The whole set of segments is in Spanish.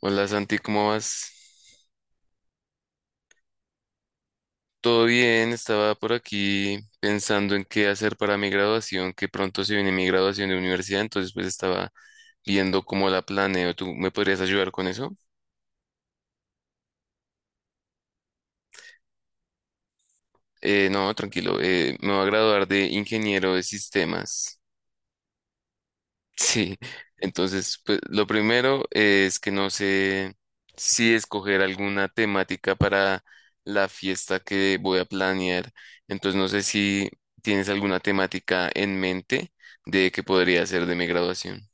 Hola Santi, ¿cómo vas? Todo bien, estaba por aquí pensando en qué hacer para mi graduación, que pronto se viene mi graduación de universidad, entonces pues estaba viendo cómo la planeo. ¿Tú me podrías ayudar con eso? No, tranquilo, me voy a graduar de ingeniero de sistemas. Sí, entonces, pues, lo primero es que no sé si escoger alguna temática para la fiesta que voy a planear. Entonces, no sé si tienes alguna temática en mente de que podría ser de mi graduación.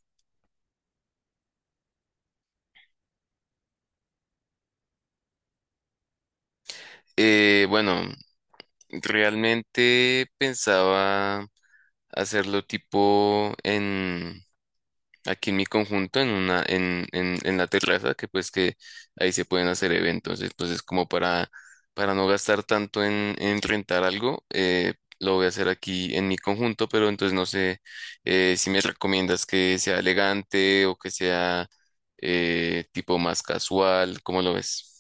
Bueno, realmente pensaba hacerlo tipo en aquí en mi conjunto, en una, en la terraza, que pues que ahí se pueden hacer eventos. Entonces, para no gastar tanto en rentar algo, lo voy a hacer aquí en mi conjunto, pero entonces no sé si me recomiendas que sea elegante o que sea tipo más casual, ¿cómo lo ves?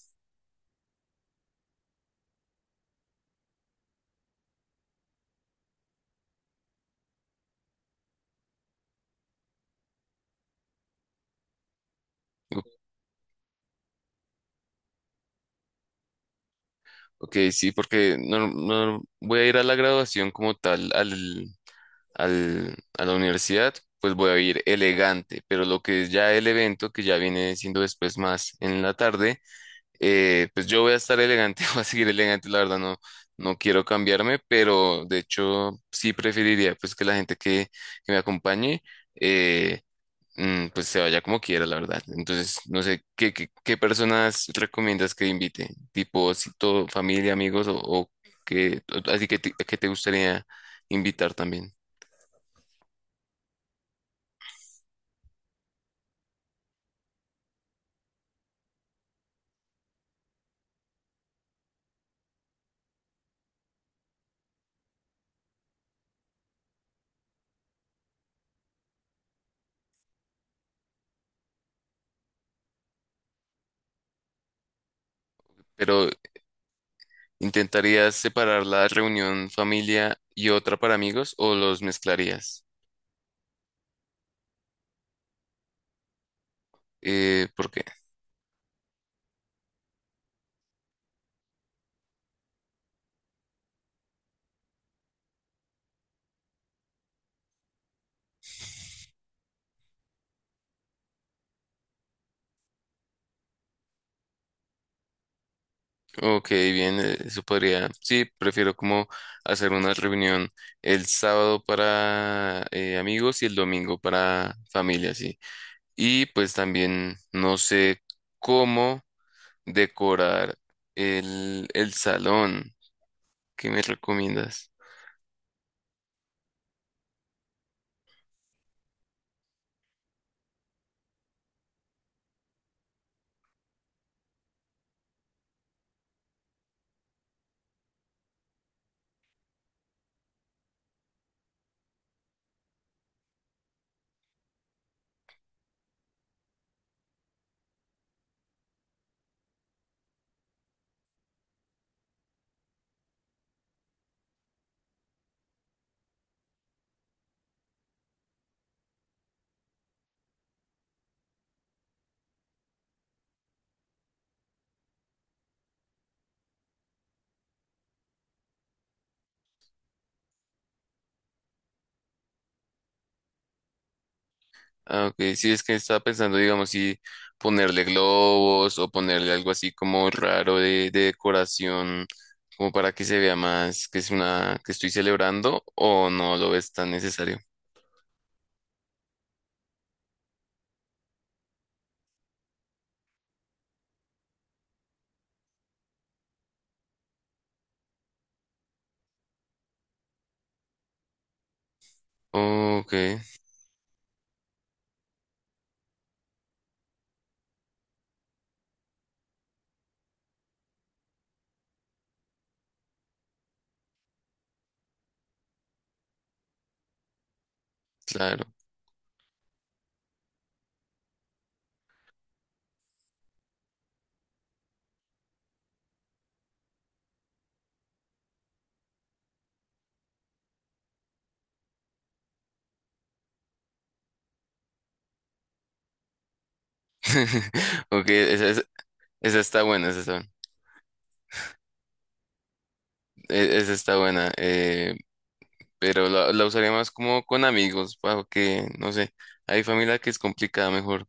Ok, sí, porque no, no voy a ir a la graduación como tal, a la universidad, pues voy a ir elegante, pero lo que es ya el evento, que ya viene siendo después más en la tarde, pues yo voy a estar elegante, voy a seguir elegante, la verdad no, no quiero cambiarme, pero de hecho sí preferiría pues que la gente que me acompañe eh, pues se vaya como quiera, la verdad. Entonces, no sé, qué personas recomiendas que invite? Tipo, si todo, familia, amigos, o que, así que te gustaría invitar también. Pero, ¿intentarías separar la reunión familia y otra para amigos o los mezclarías? ¿Por qué? Ok, bien, eso podría. Sí, prefiero como hacer una reunión el sábado para amigos y el domingo para familia, sí. Y pues también no sé cómo decorar el salón. ¿Qué me recomiendas? Ah, ok. Sí, es que estaba pensando, digamos, si ponerle globos o ponerle algo así como raro de decoración, como para que se vea más que es una que estoy celebrando o no lo ves tan necesario. Ok, claro. Ok, esa está buena, esa está, esa está buena. Pero la usaría más como con amigos, para que, no sé, hay familia que es complicada, mejor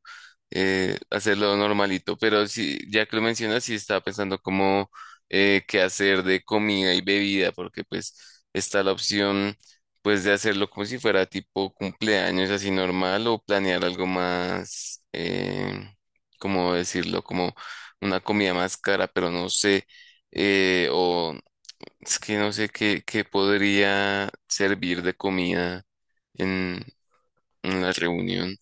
hacerlo normalito, pero sí, ya que lo mencionas, sí estaba pensando como qué hacer de comida y bebida, porque pues está la opción pues de hacerlo como si fuera tipo cumpleaños así normal o planear algo más, ¿cómo decirlo? Como una comida más cara, pero no sé, o es que no sé qué podría servir de comida en, en la reunión.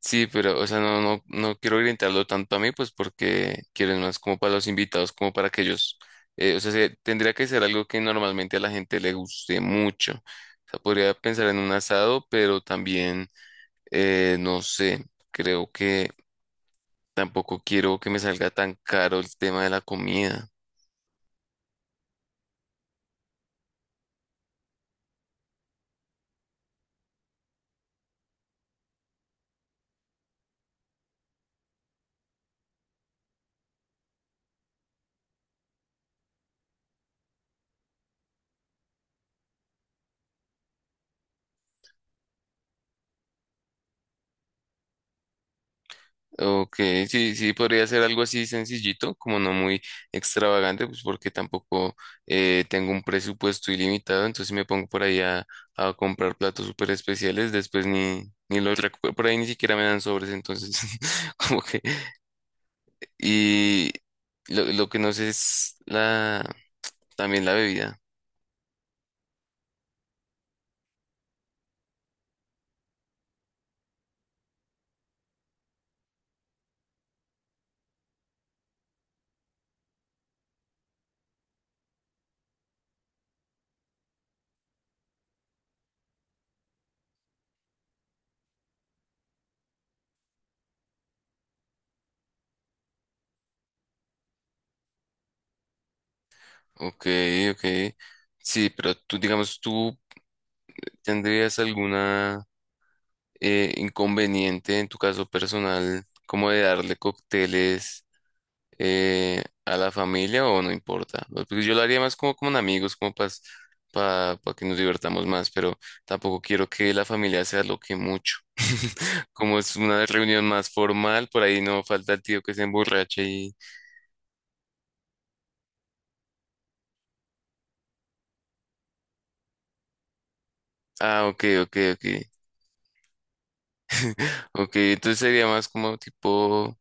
Sí, pero, o sea, no quiero orientarlo tanto a mí, pues porque quiero más como para los invitados, como para que ellos, o sea, se- tendría que ser algo que normalmente a la gente le guste mucho. O sea, podría pensar en un asado, pero también, no sé, creo que tampoco quiero que me salga tan caro el tema de la comida. Ok, sí, sí, podría ser algo así sencillito, como no muy extravagante, pues porque tampoco tengo un presupuesto ilimitado, entonces si me pongo por ahí a comprar platos súper especiales, después ni, ni los recupero, por ahí ni siquiera me dan sobres, entonces como que... Y lo que no sé es también la bebida. Ok, ok, sí, pero tú digamos, tú tendrías alguna... inconveniente en tu caso personal, como de darle cócteles a la familia o ¿no importa? ¿No? Pues, porque yo lo haría más como con amigos, como para que nos divertamos más, pero tampoco quiero que la familia se aloque mucho. Como es una reunión más formal, por ahí no falta el tío que se emborrache y... Ah, ok, ok, ok. Ok, entonces sería más como tipo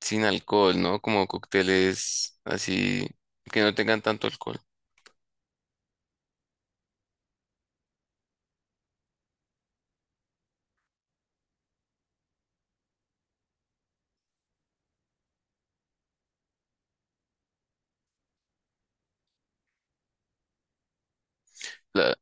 sin alcohol, ¿no? Como cócteles así que no tengan tanto alcohol. La-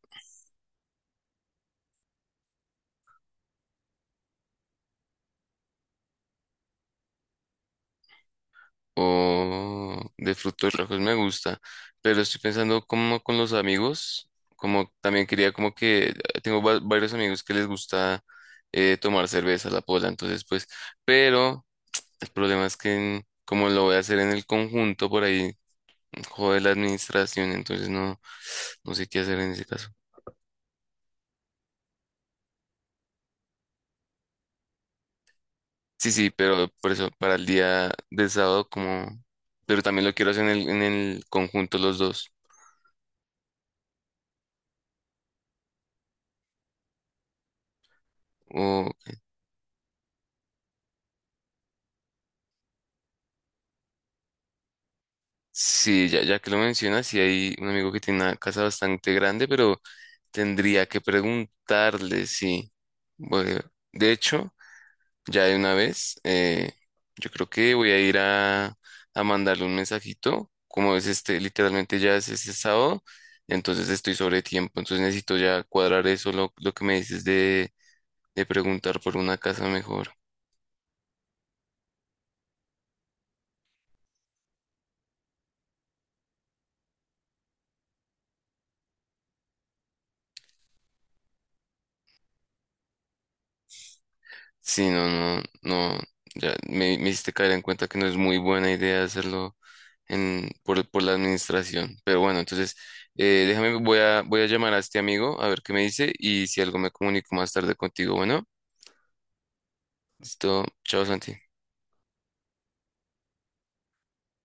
o de frutos rojos me gusta, pero estoy pensando como con los amigos, como también quería como que tengo va- varios amigos que les gusta tomar cerveza, la pola, entonces pues, pero el problema es que en- como lo voy a hacer en el conjunto por ahí, jode la administración, entonces no, no sé qué hacer en ese caso. Sí, sí, pero por eso para el día del sábado como, pero también lo quiero hacer en el conjunto los dos. O sí, ya, ya que lo mencionas, sí hay un amigo que tiene una casa bastante grande, pero tendría que preguntarle si... Bueno, de hecho, ya de una vez, yo creo que voy a ir a mandarle un mensajito, como es este, literalmente ya es este sábado, entonces estoy sobre tiempo, entonces necesito ya cuadrar eso, lo que me dices de preguntar por una casa mejor. Sí, no, ya me hiciste caer en cuenta que no es muy buena idea hacerlo en, por la administración. Pero bueno, entonces, déjame, voy a llamar a este amigo a ver qué me dice y si algo me comunico más tarde contigo. Bueno, listo. Chao, Santi.